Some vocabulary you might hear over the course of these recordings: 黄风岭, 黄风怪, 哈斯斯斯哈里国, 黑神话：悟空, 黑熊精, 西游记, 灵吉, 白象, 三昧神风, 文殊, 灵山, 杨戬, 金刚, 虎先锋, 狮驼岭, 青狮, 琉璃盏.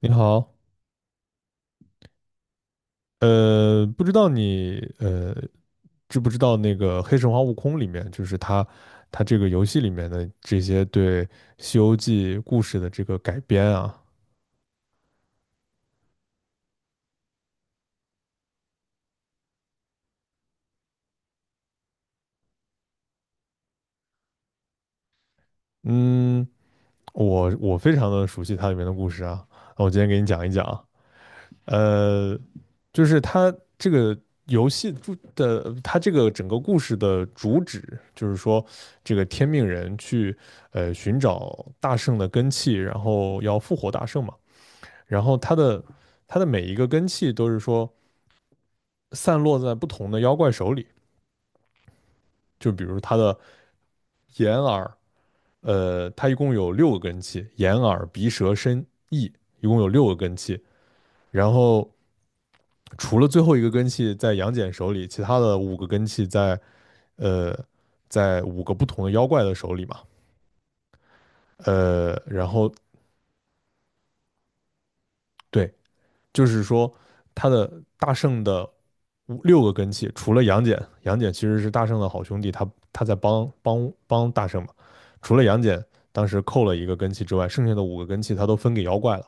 你好，不知道你知不知道那个《黑神话：悟空》里面，就是它这个游戏里面的这些对《西游记》故事的这个改编啊。嗯，我非常的熟悉它里面的故事啊，那我今天给你讲一讲啊。呃，就是它这个游戏主的，它这个整个故事的主旨就是说，这个天命人去寻找大圣的根器，然后要复活大圣嘛。然后它的每一个根器都是说散落在不同的妖怪手里，就比如它的眼耳。它一共有六个根器，眼耳鼻舌身意，一共有六个根器。然后除了最后一个根器在杨戬手里，其他的五个根器在呃在五个不同的妖怪的手里嘛。然后对，就是说他的大圣的五六个根器，除了杨戬，杨戬其实是大圣的好兄弟，他在帮大圣嘛。除了杨戬当时扣了一个根器之外，剩下的五个根器他都分给妖怪了，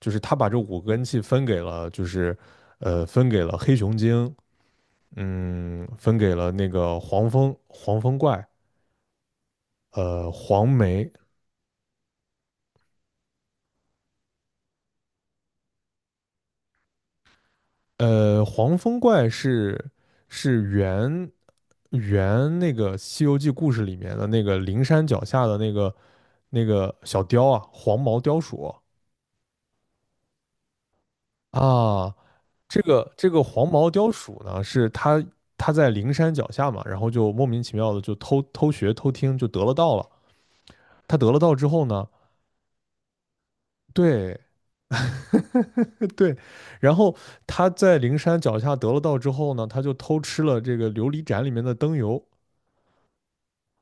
就是他把这五个根器分给了，就是分给了黑熊精。嗯，分给了那个黄蜂怪，呃黄眉黄风怪是原那个《西游记》故事里面的那个灵山脚下的那个小雕啊，黄毛雕鼠啊。这个黄毛雕鼠呢，是它在灵山脚下嘛，然后就莫名其妙的就偷偷学偷听，就得了道了。他得了道之后呢，对 对，然后他在灵山脚下得了道之后呢，他就偷吃了这个琉璃盏里面的灯油。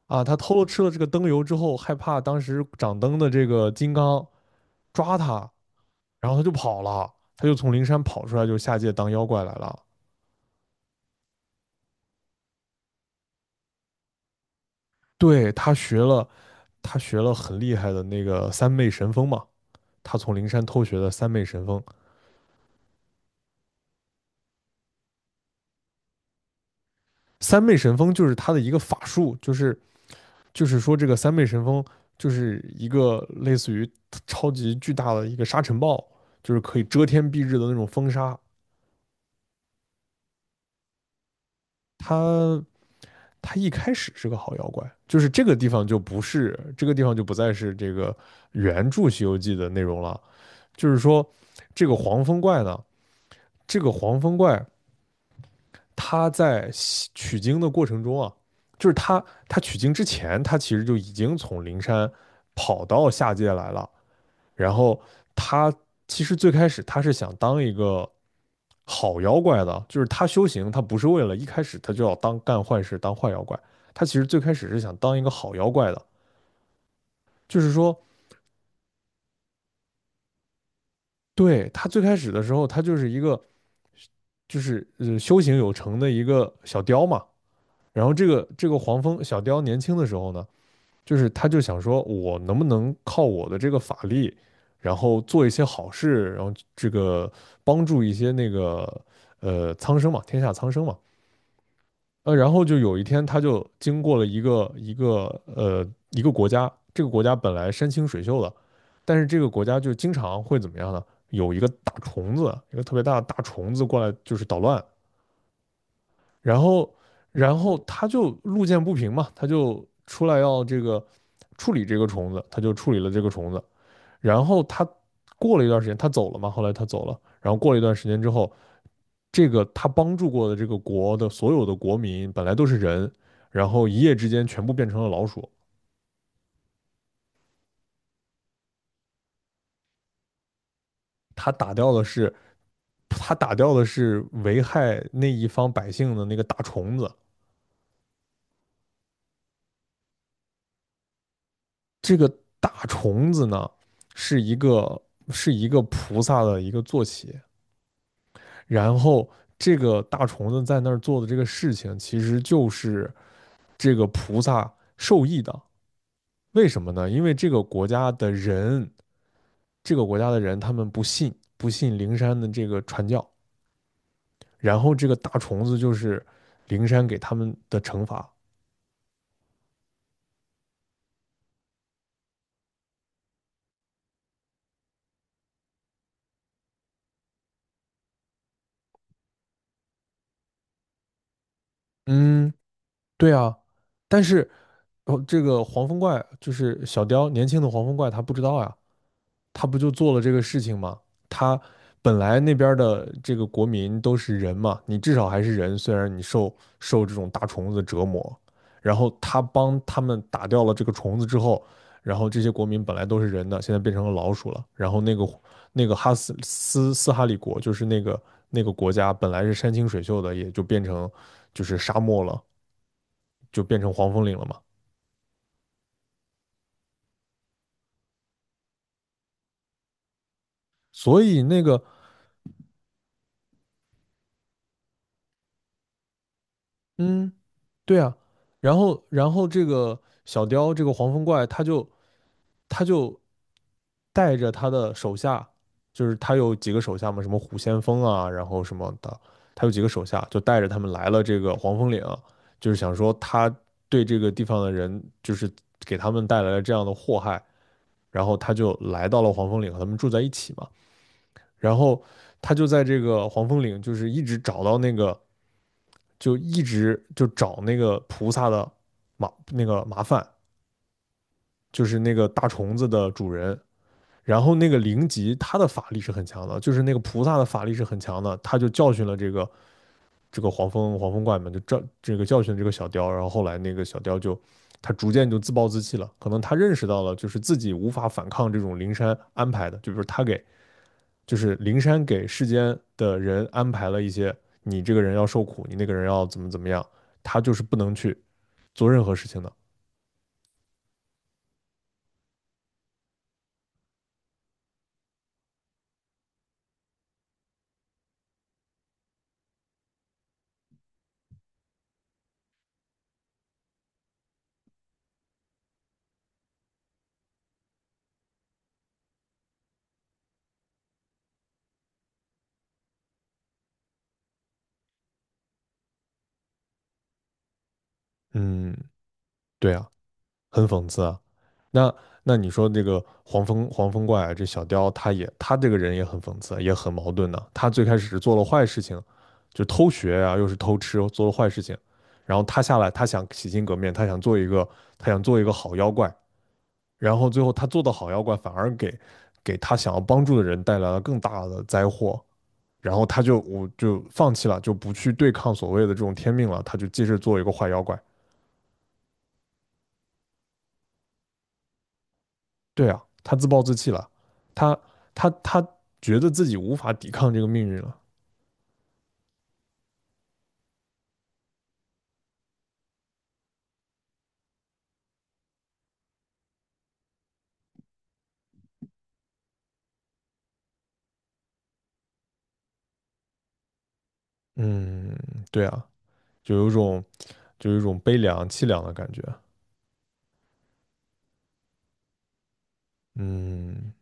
啊，他偷了吃了这个灯油之后，害怕当时掌灯的这个金刚抓他，然后他就跑了，他就从灵山跑出来，就下界当妖怪来了。对，他学了很厉害的那个三昧神风嘛，他从灵山偷学的三昧神风。三昧神风就是他的一个法术，就是说这个三昧神风就是一个类似于超级巨大的一个沙尘暴，就是可以遮天蔽日的那种风沙。他。他一开始是个好妖怪，就是这个地方就不再是这个原著《西游记》的内容了。就是说，这个黄风怪呢，这个黄风怪他在取经的过程中啊，就是他取经之前，他其实就已经从灵山跑到下界来了。然后他其实最开始他是想当一个好妖怪的，就是他修行，他不是为了一开始他就要当干坏事当坏妖怪，他其实最开始是想当一个好妖怪的，就是说，对，他最开始的时候他就是一个就是修行有成的一个小雕嘛。然后这个黄蜂小雕年轻的时候呢，就是他就想说，我能不能靠我的这个法力，然后做一些好事，然后这个帮助一些那个苍生嘛，天下苍生嘛。然后就有一天，他就经过了一个国家，这个国家本来山清水秀的，但是这个国家就经常会怎么样呢？有一个大虫子，一个特别大的大虫子过来，就是捣乱。然后，然后他就路见不平嘛，他就出来要这个处理这个虫子，他就处理了这个虫子。然后他过了一段时间，他走了嘛，后来他走了。然后过了一段时间之后，这个他帮助过的这个国的所有的国民本来都是人，然后一夜之间全部变成了老鼠。他打掉的是，他打掉的是危害那一方百姓的那个大虫子。这个大虫子呢，是一个是一个菩萨的一个坐骑，然后这个大虫子在那儿做的这个事情，其实就是这个菩萨受益的。为什么呢？因为这个国家的人他们不信灵山的这个传教，然后这个大虫子就是灵山给他们的惩罚。嗯，对啊，但是哦，这个黄风怪就是小雕，年轻的黄风怪他不知道呀。他不就做了这个事情吗？他本来那边的这个国民都是人嘛，你至少还是人，虽然你受这种大虫子折磨，然后他帮他们打掉了这个虫子之后，然后这些国民本来都是人的，现在变成了老鼠了。然后那个哈斯斯斯哈里国，就是那个国家本来是山清水秀的，也就变成就是沙漠了，就变成黄风岭了嘛。所以那个嗯，对啊。然后这个小雕这个黄风怪，他就带着他的手下，就是他有几个手下嘛，什么虎先锋啊，然后什么的，他有几个手下，就带着他们来了这个黄风岭，就是想说他对这个地方的人，就是给他们带来了这样的祸害。然后他就来到了黄风岭和他们住在一起嘛，然后他就在这个黄风岭，就是一直找到那个。就一直就找那个菩萨的麻烦，就是那个大虫子的主人。然后那个灵吉他的法力是很强的，就是那个菩萨的法力是很强的，他就教训了这个黄风怪们，就这个教训这个小雕。然后后来那个小雕他逐渐就自暴自弃了，可能他认识到了就是自己无法反抗这种灵山安排的，就比如就是灵山给世间的人安排了一些，你这个人要受苦，你那个人要怎么怎么样，他就是不能去做任何事情的。嗯，对啊，很讽刺啊。那那你说这个黄风怪啊，这小雕他这个人也很讽刺，也很矛盾的啊、他最开始是做了坏事情，就偷学啊，又是偷吃，做了坏事情。然后他下来，他想洗心革面，他想做一个好妖怪，然后最后他做的好妖怪反而给他想要帮助的人带来了更大的灾祸，然后我就放弃了，就不去对抗所谓的这种天命了，他就接着做一个坏妖怪。对啊，他自暴自弃了，他他觉得自己无法抵抗这个命运了。嗯，对啊，就有一种悲凉凄凉的感觉。嗯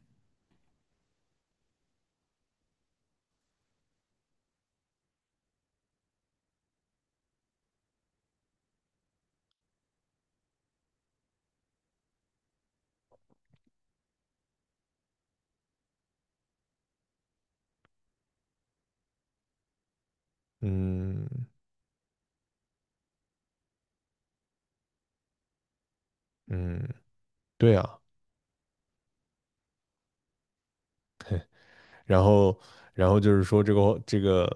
嗯嗯，对啊，然后，然后就是说这个这个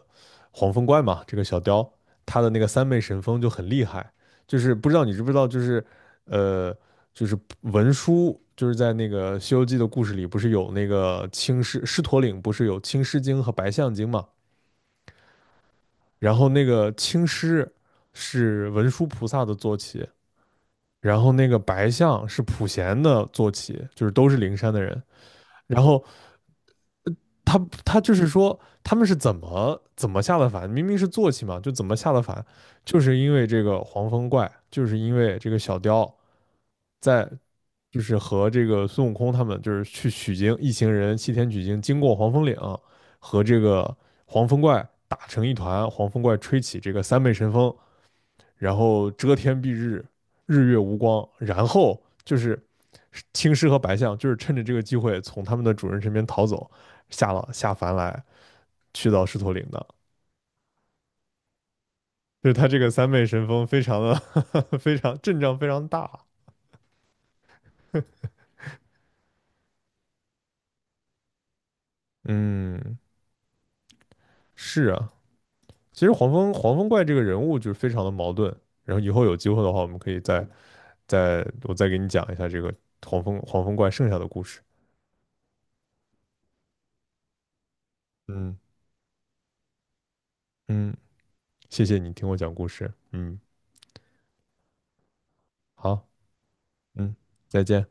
黄风怪嘛，这个小雕，他的那个三昧神风就很厉害，就是不知道你知不知道，就是呃，就是文殊，就是在那个《西游记》的故事里，不是有那个青狮狮驼岭，不是有青狮精和白象精嘛？然后那个青狮是文殊菩萨的坐骑，然后那个白象是普贤的坐骑，就是都是灵山的人。然后他他就是说他们是怎么怎么下的凡，明明是坐骑嘛，就怎么下的凡，就是因为这个黄风怪，就是因为这个小雕在就是和这个孙悟空他们就是去取经，一行人西天取经，经过黄风岭和这个黄风怪打成一团，黄风怪吹起这个三昧神风，然后遮天蔽日，日月无光，然后就是青狮和白象就是趁着这个机会从他们的主人身边逃走。下凡来，去到狮驼岭的，就是他这个三昧神风非常的呵呵 非常阵仗非常大。嗯，是啊，其实黄风怪这个人物就是非常的矛盾。然后以后有机会的话，我们可以我再给你讲一下这个黄风怪剩下的故事。嗯嗯，谢谢你听我讲故事。嗯，好，嗯，再见。